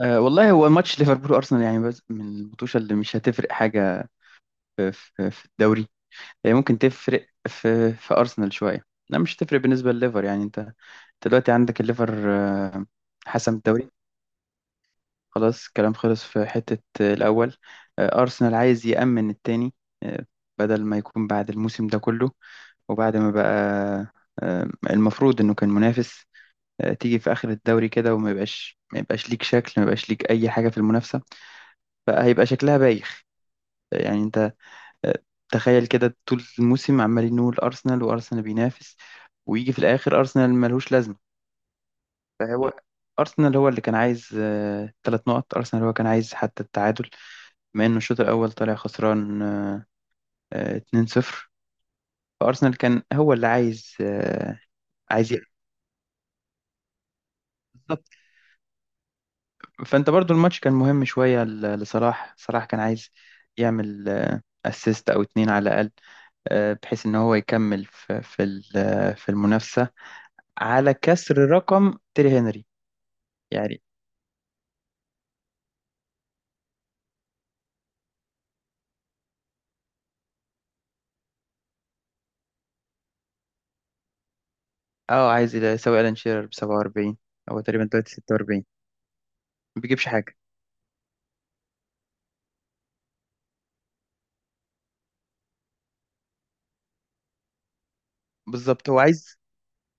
أه والله، هو ماتش ليفربول وارسنال يعني بس من البطوشه اللي مش هتفرق حاجه في الدوري. هي ممكن تفرق في ارسنال شويه. لا، مش هتفرق بالنسبه لليفر. يعني انت دلوقتي عندك الليفر، حسم الدوري. خلاص كلام خلص في حته، الاول. ارسنال عايز يامن التاني، آه، بدل ما يكون بعد الموسم ده كله وبعد ما بقى، المفروض انه كان منافس، تيجي في اخر الدوري كده وما يبقاش ما يبقاش ليك شكل، ما يبقاش ليك اي حاجه في المنافسه، فهيبقى شكلها بايخ. يعني انت، آه، تخيل كده طول الموسم عمالين نقول ارسنال وارسنال بينافس، ويجي في الاخر ارسنال ملهوش لازمه. فهو ارسنال هو اللي كان عايز ثلاث نقط، ارسنال هو كان عايز حتى التعادل، بما انه الشوط الاول طالع خسران، 2-0. فارسنال كان هو اللي عايز، عايز يكسب. بالظبط. فانت برضو الماتش كان مهم شويه لصلاح. صلاح كان عايز يعمل اسيست او اتنين على الاقل، بحيث ان هو يكمل في المنافسه على كسر رقم تيري هنري يعني. اه، عايز يساوي الان شيرر ب 47. هو تقريبا دلوقتي 46، ما بيجيبش حاجه. بالظبط، هو عايز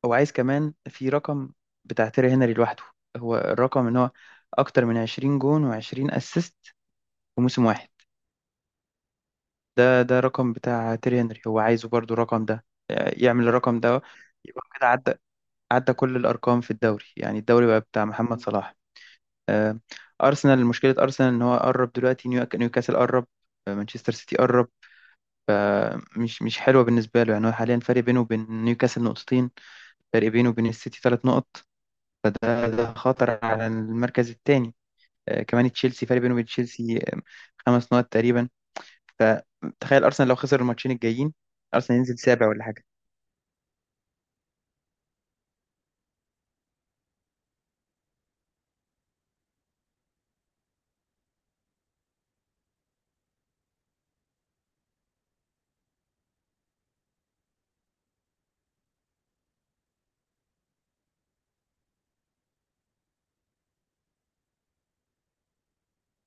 هو عايز كمان في رقم بتاع تيري هنري لوحده. هو الرقم ان هو اكتر من 20 جون و20 اسيست في موسم واحد. ده رقم بتاع تيري هنري، هو عايزه برضو الرقم ده، يعمل الرقم ده. يبقى كده عدى، عدى كل الارقام في الدوري. يعني الدوري بقى بتاع محمد صلاح. آه، أرسنال، مشكلة أرسنال إن هو قرب دلوقتي. نيوكاسل قرب، مانشستر سيتي قرب، مش حلوة بالنسبة له. يعني هو حاليا فرق بينه وبين نيوكاسل نقطتين، فرق بينه وبين السيتي ثلاث نقط، فده خطر على المركز الثاني. كمان تشيلسي، فرق بينه وبين تشيلسي، خمس نقط تقريبا. فتخيل أرسنال لو خسر الماتشين الجايين، أرسنال ينزل سابع ولا حاجة.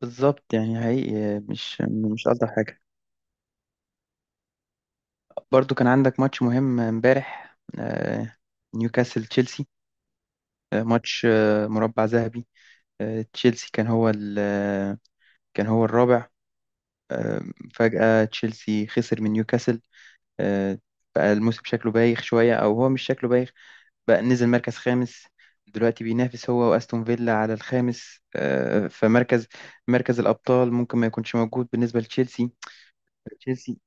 بالظبط، يعني حقيقي، مش ألطف حاجة. برضو كان عندك ماتش مهم امبارح، نيوكاسل تشيلسي، ماتش، مربع ذهبي. تشيلسي كان هو ال- آه، كان هو الرابع، آه، فجأة تشيلسي خسر من نيوكاسل، آه، بقى الموسم شكله بايخ شوية. أو هو مش شكله بايخ، بقى نزل مركز خامس. دلوقتي بينافس هو وأستون فيلا على الخامس، فمركز الأبطال ممكن ما يكونش موجود بالنسبة لتشيلسي. تشيلسي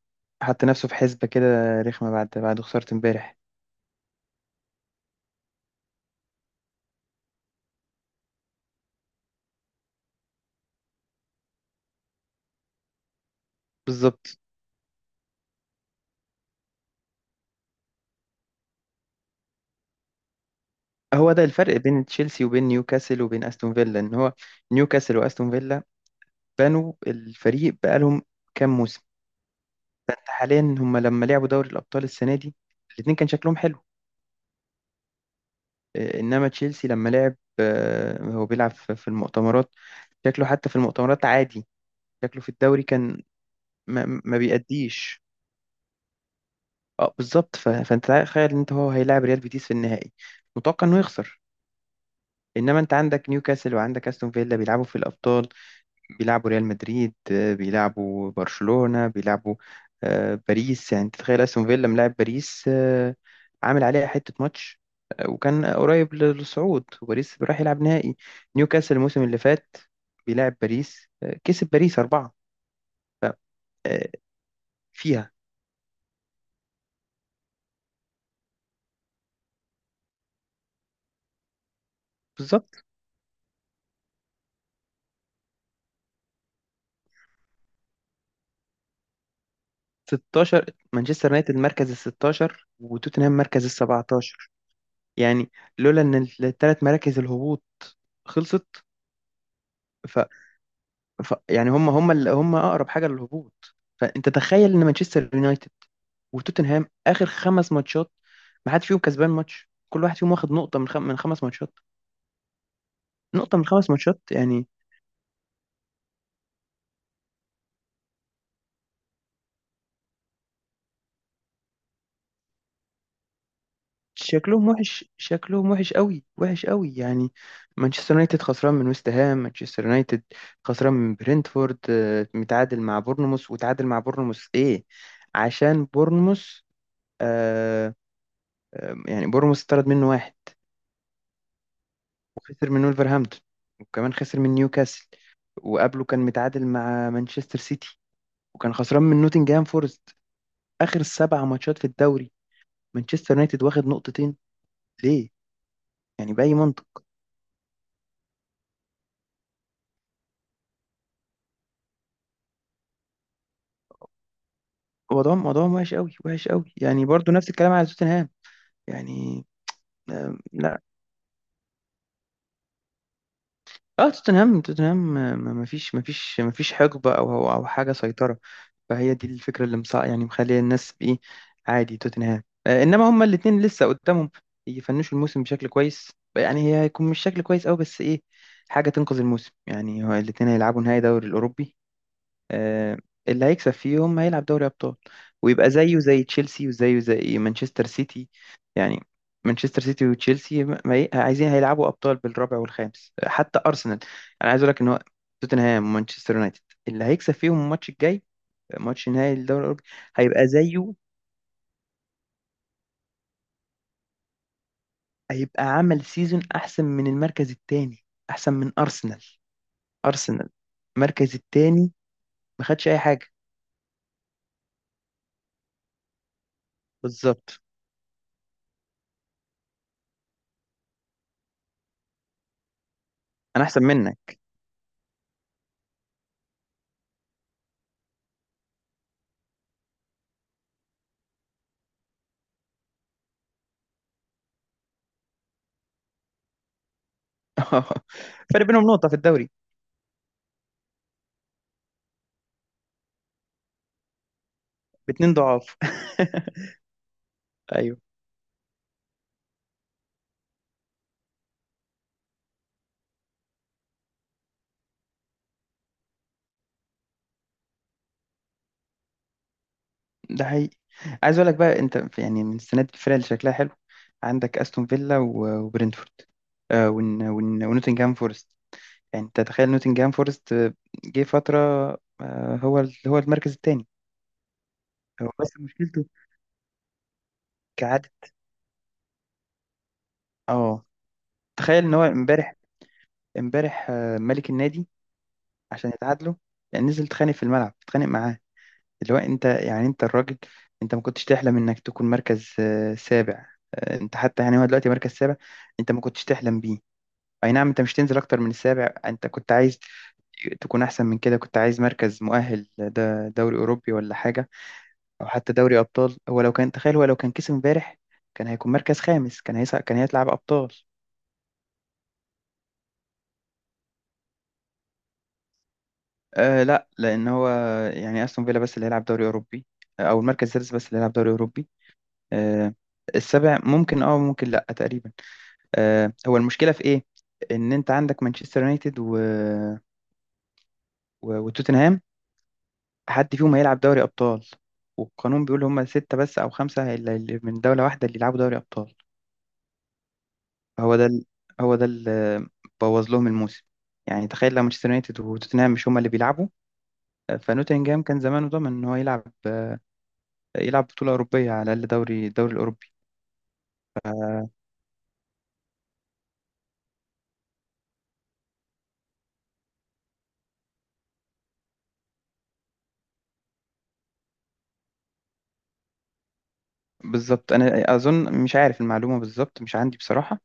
حط نفسه في حسبة كده رخمة بعد خسارة امبارح. بالظبط. هو ده الفرق بين تشيلسي وبين نيوكاسل وبين أستون فيلا. إن هو نيوكاسل وأستون فيلا بنوا الفريق بقالهم كام موسم. فانت حاليا هم لما لعبوا دوري الابطال السنه دي، الاتنين كان شكلهم حلو، انما تشيلسي لما لعب، هو بيلعب في المؤتمرات، شكله حتى في المؤتمرات عادي، شكله في الدوري كان ما بيأديش. اه بالظبط. فانت تخيل ان انت هو هيلاعب ريال بيتيس في النهائي، متوقع انه يخسر. انما انت عندك نيوكاسل وعندك استون فيلا بيلعبوا في الابطال، بيلعبوا ريال مدريد، بيلعبوا برشلونة، بيلعبوا باريس. يعني تتخيل استون فيلا ملاعب باريس، عامل عليها حتة ماتش، وكان قريب للصعود، وباريس راح يلعب نهائي. نيوكاسل الموسم اللي فات بيلعب باريس، كسب باريس أربعة. آه، فيها. بالظبط. 16. مانشستر يونايتد مركز ال 16، وتوتنهام مركز ال 17. يعني لولا ان الثلاث مراكز الهبوط خلصت. ف يعني هم اقرب حاجه للهبوط. فانت تخيل ان مانشستر يونايتد وتوتنهام اخر خمس ماتشات، ما حدش فيهم كسبان ماتش. كل واحد فيهم واخد نقطه من خمس ماتشات. نقطه من خمس ماتشات، يعني. شكلهم وحش قوي، وحش قوي يعني. مانشستر يونايتد خسران من ويست هام، مانشستر يونايتد خسران من برينتفورد، متعادل مع بورنموث، وتعادل مع بورنموث ايه عشان بورنموث آه يعني بورنموث اتطرد منه واحد، وخسر من ولفرهامبتون، وكمان خسر من نيوكاسل، وقبله كان متعادل مع مانشستر سيتي، وكان خسران من نوتنجهام فورست. آخر سبع ماتشات في الدوري مانشستر يونايتد واخد نقطتين. ليه؟ يعني بأي منطق. وضعهم وحش قوي، وحش قوي يعني. برضو نفس الكلام على توتنهام يعني. لا، اه. توتنهام، ما فيش حقبة او او أو حاجة سيطرة. فهي دي الفكرة اللي مصع يعني مخلية الناس بإيه عادي توتنهام. إنما هما الاتنين لسه قدامهم يفنشوا الموسم بشكل كويس. يعني هي هيكون مش شكل كويس أوي، بس إيه، حاجة تنقذ الموسم. يعني هو الاتنين هيلعبوا نهائي دوري الأوروبي، آه، اللي هيكسب فيهم هيلعب دوري أبطال، ويبقى زيه زي تشيلسي، وزيه زي مانشستر سيتي يعني. مانشستر سيتي وتشيلسي عايزين هيلعبوا أبطال بالرابع والخامس، حتى أرسنال. أنا عايز أقول لك إن هو توتنهام ومانشستر يونايتد اللي هيكسب فيهم الماتش الجاي، ماتش نهائي الدوري الاوروبي، هيبقى زيه، هيبقى عمل سيزون احسن من المركز الثاني، احسن من ارسنال. ارسنال المركز الثاني ما خدش اي حاجه. بالظبط، انا احسن منك. فرق بينهم نقطه في الدوري. باتنين ضعاف. ايوه. ده حقيقي. عايز اقول لك بقى انت يعني من السنه دي الفرق اللي شكلها حلو عندك استون فيلا وبرنتفورد، ونوتنجهام فورست. يعني انت تخيل نوتنجهام فورست، جه فتره، هو المركز الثاني. هو بس مشكلته كعادة. اه، تخيل ان هو امبارح. امبارح، ملك النادي عشان يتعادلوا. يعني نزل اتخانق في الملعب، اتخانق معاه. اللي هو انت يعني، انت الراجل، انت ما كنتش تحلم انك تكون مركز، سابع. انت حتى يعني هو دلوقتي مركز سابع، انت ما كنتش تحلم بيه. اي نعم، انت مش تنزل اكتر من السابع. انت كنت عايز تكون احسن من كده، كنت عايز مركز مؤهل ده دوري اوروبي ولا حاجه، او حتى دوري ابطال. هو لو كان، تخيل هو لو كان كسب امبارح كان هيكون مركز خامس، كان هيسع، كان هيطلع بابطال. آه لا، لان هو يعني استون فيلا بس اللي هيلعب دوري اوروبي، او المركز السادس بس اللي هيلعب دوري اوروبي. آه. السابع ممكن، اه ممكن لا تقريبا. آه هو المشكله في ايه، ان انت عندك مانشستر يونايتد وتوتنهام، حد فيهم هيلعب دوري ابطال. والقانون بيقول هم ستة بس او خمسة اللي من دولة واحدة اللي يلعبوا دوري ابطال. هو ده ال... هو ده اللي بوظ لهم الموسم. يعني تخيل لو مانشستر يونايتد وتوتنهام مش هما اللي بيلعبوا، فنوتنجهام كان زمانه ضامن ان هو يلعب، يلعب بطولة أوروبية على الأقل، الدوري الأوروبي. آه، بالظبط. أنا أظن مش عارف المعلومة بالظبط، مش عندي بصراحة.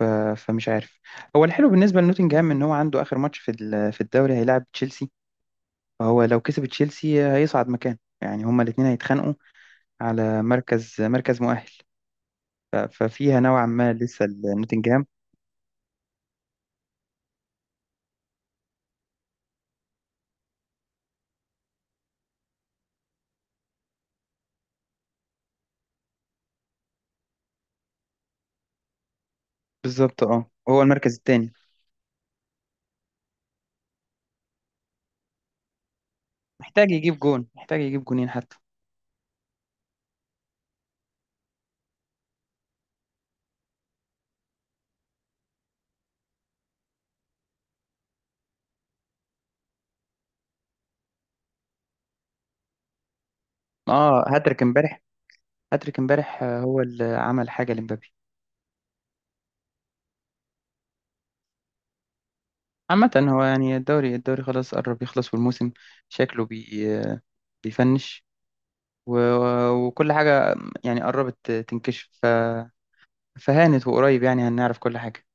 فمش عارف. هو الحلو بالنسبة لنوتنجهام إن هو عنده آخر ماتش في الدوري هيلعب تشيلسي. فهو لو كسب تشيلسي هيصعد مكان. يعني هما الاتنين هيتخانقوا على مركز مؤهل. ففيها نوعا ما لسه نوتنجهام. بالظبط، اه، هو المركز التاني، محتاج يجيب جون، محتاج يجيب جونين حتى. اه هاتريك امبارح، هاتريك امبارح، هو اللي عمل حاجة لمبابي. عامة هو يعني الدوري خلاص قرب يخلص، والموسم شكله بيفنش، و... وكل حاجة يعني قربت تنكشف. فهانت وقريب يعني هنعرف كل حاجة.